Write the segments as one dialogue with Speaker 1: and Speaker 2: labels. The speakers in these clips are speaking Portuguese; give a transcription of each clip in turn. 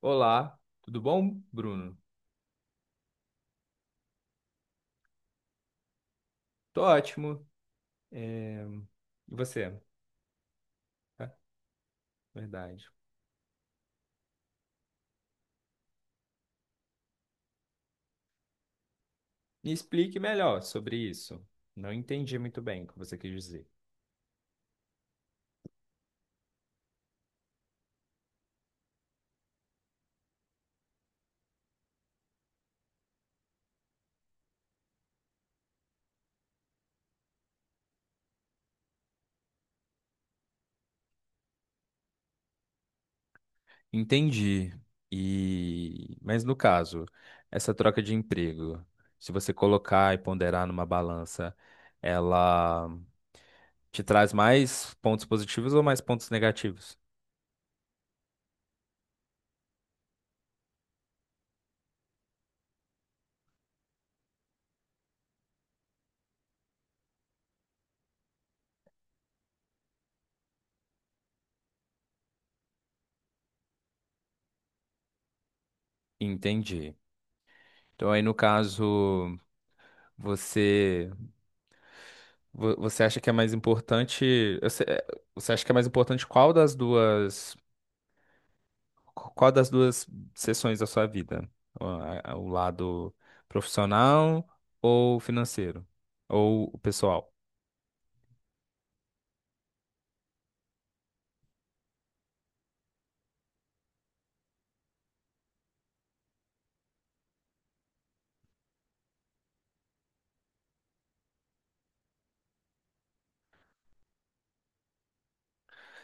Speaker 1: Olá, tudo bom, Bruno? Tô ótimo. É, E você? Ah, verdade. Me explique melhor sobre isso. Não entendi muito bem o que você quis dizer. Entendi. Mas no caso, essa troca de emprego, se você colocar e ponderar numa balança, ela te traz mais pontos positivos ou mais pontos negativos? Entendi. Então aí no caso, você Você acha que é mais importante? Você acha que é mais importante qual das duas seções da sua vida? O lado profissional ou financeiro? Ou o pessoal?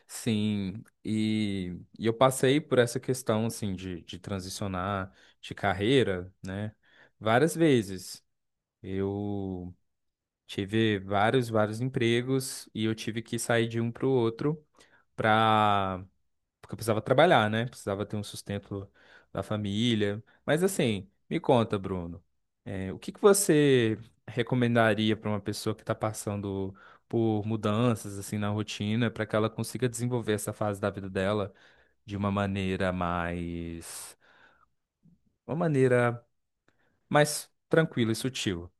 Speaker 1: Sim, e eu passei por essa questão, assim, de transicionar de carreira, né? Várias vezes. Eu tive vários empregos e eu tive que sair de um para o outro para porque eu precisava trabalhar, né? Precisava ter um sustento da família. Mas assim, me conta, Bruno, o que que você recomendaria para uma pessoa que está passando por mudanças assim na rotina, para que ela consiga desenvolver essa fase da vida dela de uma uma maneira mais tranquila e sutil,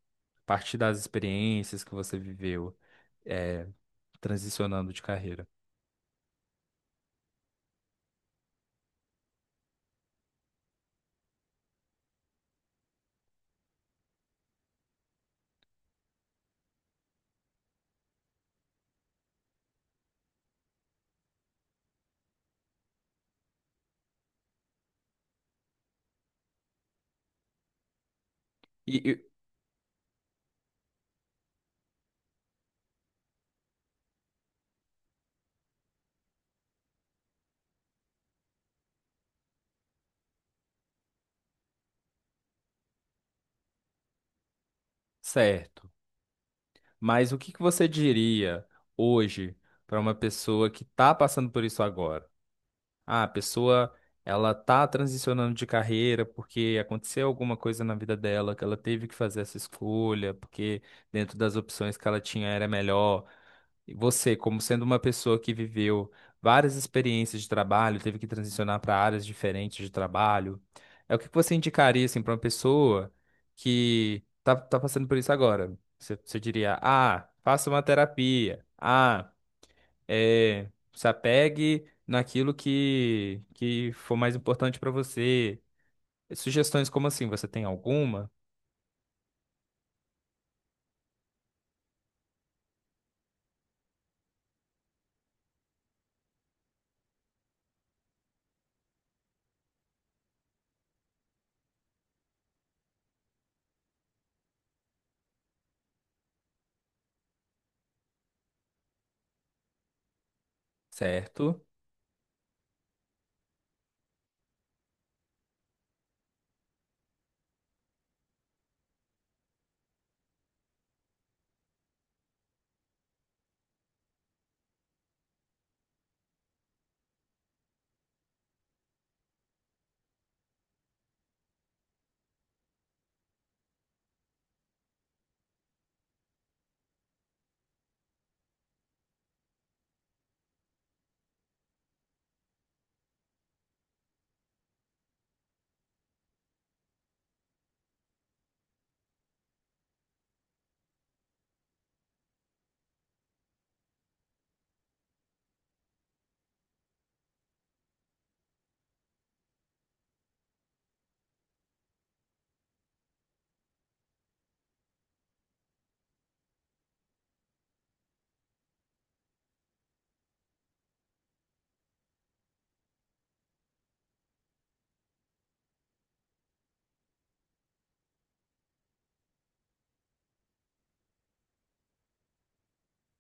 Speaker 1: a partir das experiências que você viveu, eh, transicionando de carreira. E, e- Certo. Mas o que que você diria hoje para uma pessoa que está passando por isso agora? Ah, a pessoa ela tá transicionando de carreira porque aconteceu alguma coisa na vida dela que ela teve que fazer essa escolha, porque dentro das opções que ela tinha era melhor. E você, como sendo uma pessoa que viveu várias experiências de trabalho, teve que transicionar para áreas diferentes de trabalho, o que que você indicaria assim para uma pessoa que tá passando por isso agora? Você diria: "Ah, faça uma terapia. Ah, se apegue naquilo que for mais importante para você." Sugestões como assim, você tem alguma? Certo.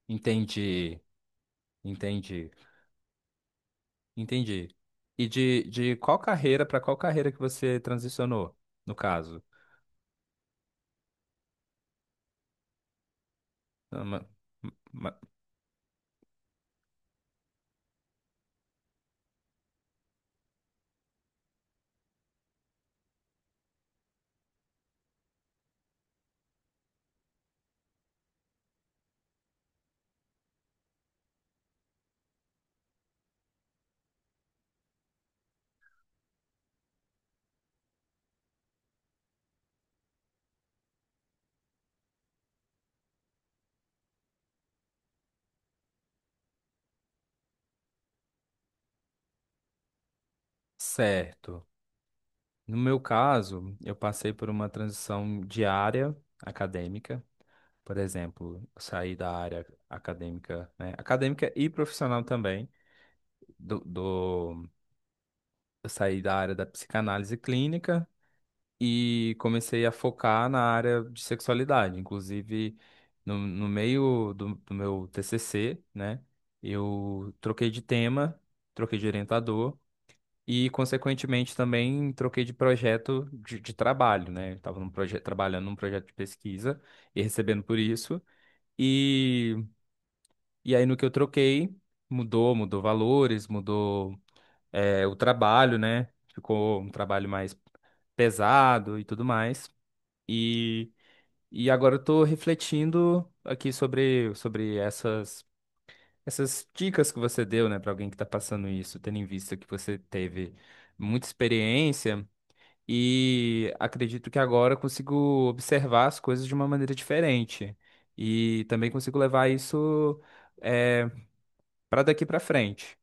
Speaker 1: Entendi, entendi, entendi. E de qual carreira para qual carreira que você transicionou, no caso? Ah, ma- ma- Certo. No meu caso, eu passei por uma transição de área acadêmica. Por exemplo, eu saí da área acadêmica, né? Acadêmica e profissional também do, do- eu saí da área da psicanálise clínica e comecei a focar na área de sexualidade. Inclusive, no meio do meu TCC, né, eu troquei de tema, troquei de orientador e, consequentemente, também troquei de projeto de trabalho, né? Eu estava trabalhando num projeto de pesquisa e recebendo por isso. E, e aí, no que eu troquei, mudou valores, mudou. O trabalho, né? Ficou um trabalho mais pesado e tudo mais. E, e agora eu tô refletindo aqui sobre essas dicas que você deu, né, para alguém que tá passando isso, tendo em vista que você teve muita experiência. E acredito que agora eu consigo observar as coisas de uma maneira diferente. E também consigo levar isso, é, para daqui para frente.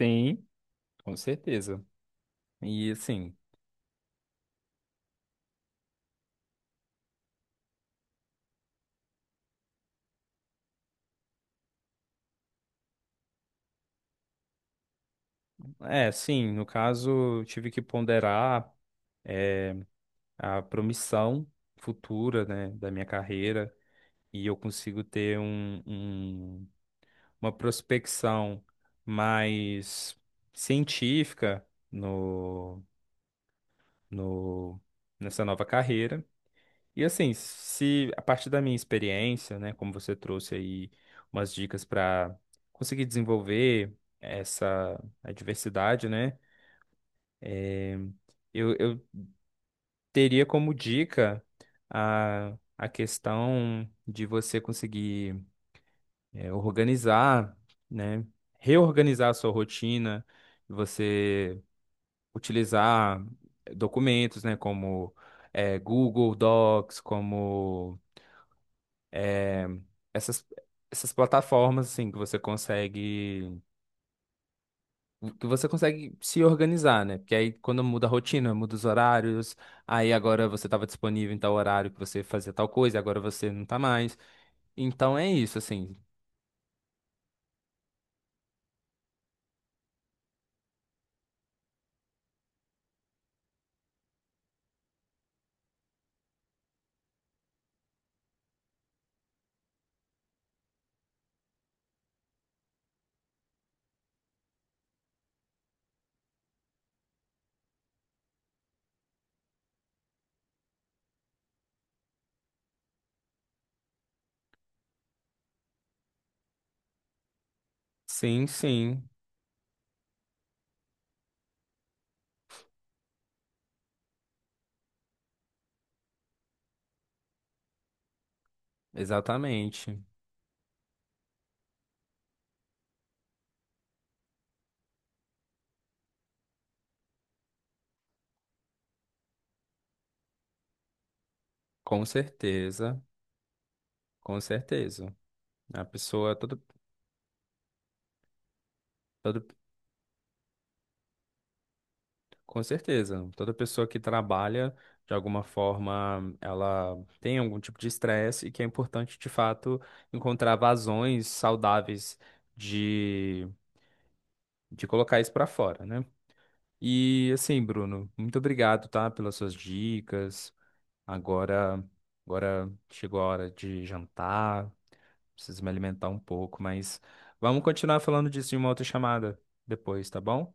Speaker 1: Sim, com certeza. E assim, é, sim, no caso, tive que ponderar é, a promissão futura, né, da minha carreira e eu consigo ter uma prospecção mais científica no, no, nessa nova carreira. E assim, se a partir da minha experiência, né, como você trouxe aí umas dicas para conseguir desenvolver essa a diversidade, né, eh, eu teria como dica a questão de você conseguir organizar, né? Reorganizar a sua rotina, você utilizar documentos, né? Como Google Docs, como essas, essas plataformas, assim, que você consegue se organizar, né? Porque aí quando muda a rotina, muda os horários, aí agora você estava disponível em tal horário que você fazia tal coisa, agora você não tá mais. Então é isso, assim. Sim, sim, exatamente. Com certeza, com certeza. A pessoa, toda, toda, com certeza, toda pessoa que trabalha, de alguma forma, ela tem algum tipo de estresse e que é importante, de fato, encontrar vazões saudáveis de colocar isso pra fora, né? E assim, Bruno, muito obrigado, tá, pelas suas dicas. Agora, agora chegou a hora de jantar, preciso me alimentar um pouco, mas vamos continuar falando disso em uma outra chamada depois, tá bom?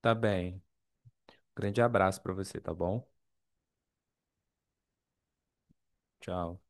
Speaker 1: Tá bem. Grande abraço pra você, tá bom? Tchau.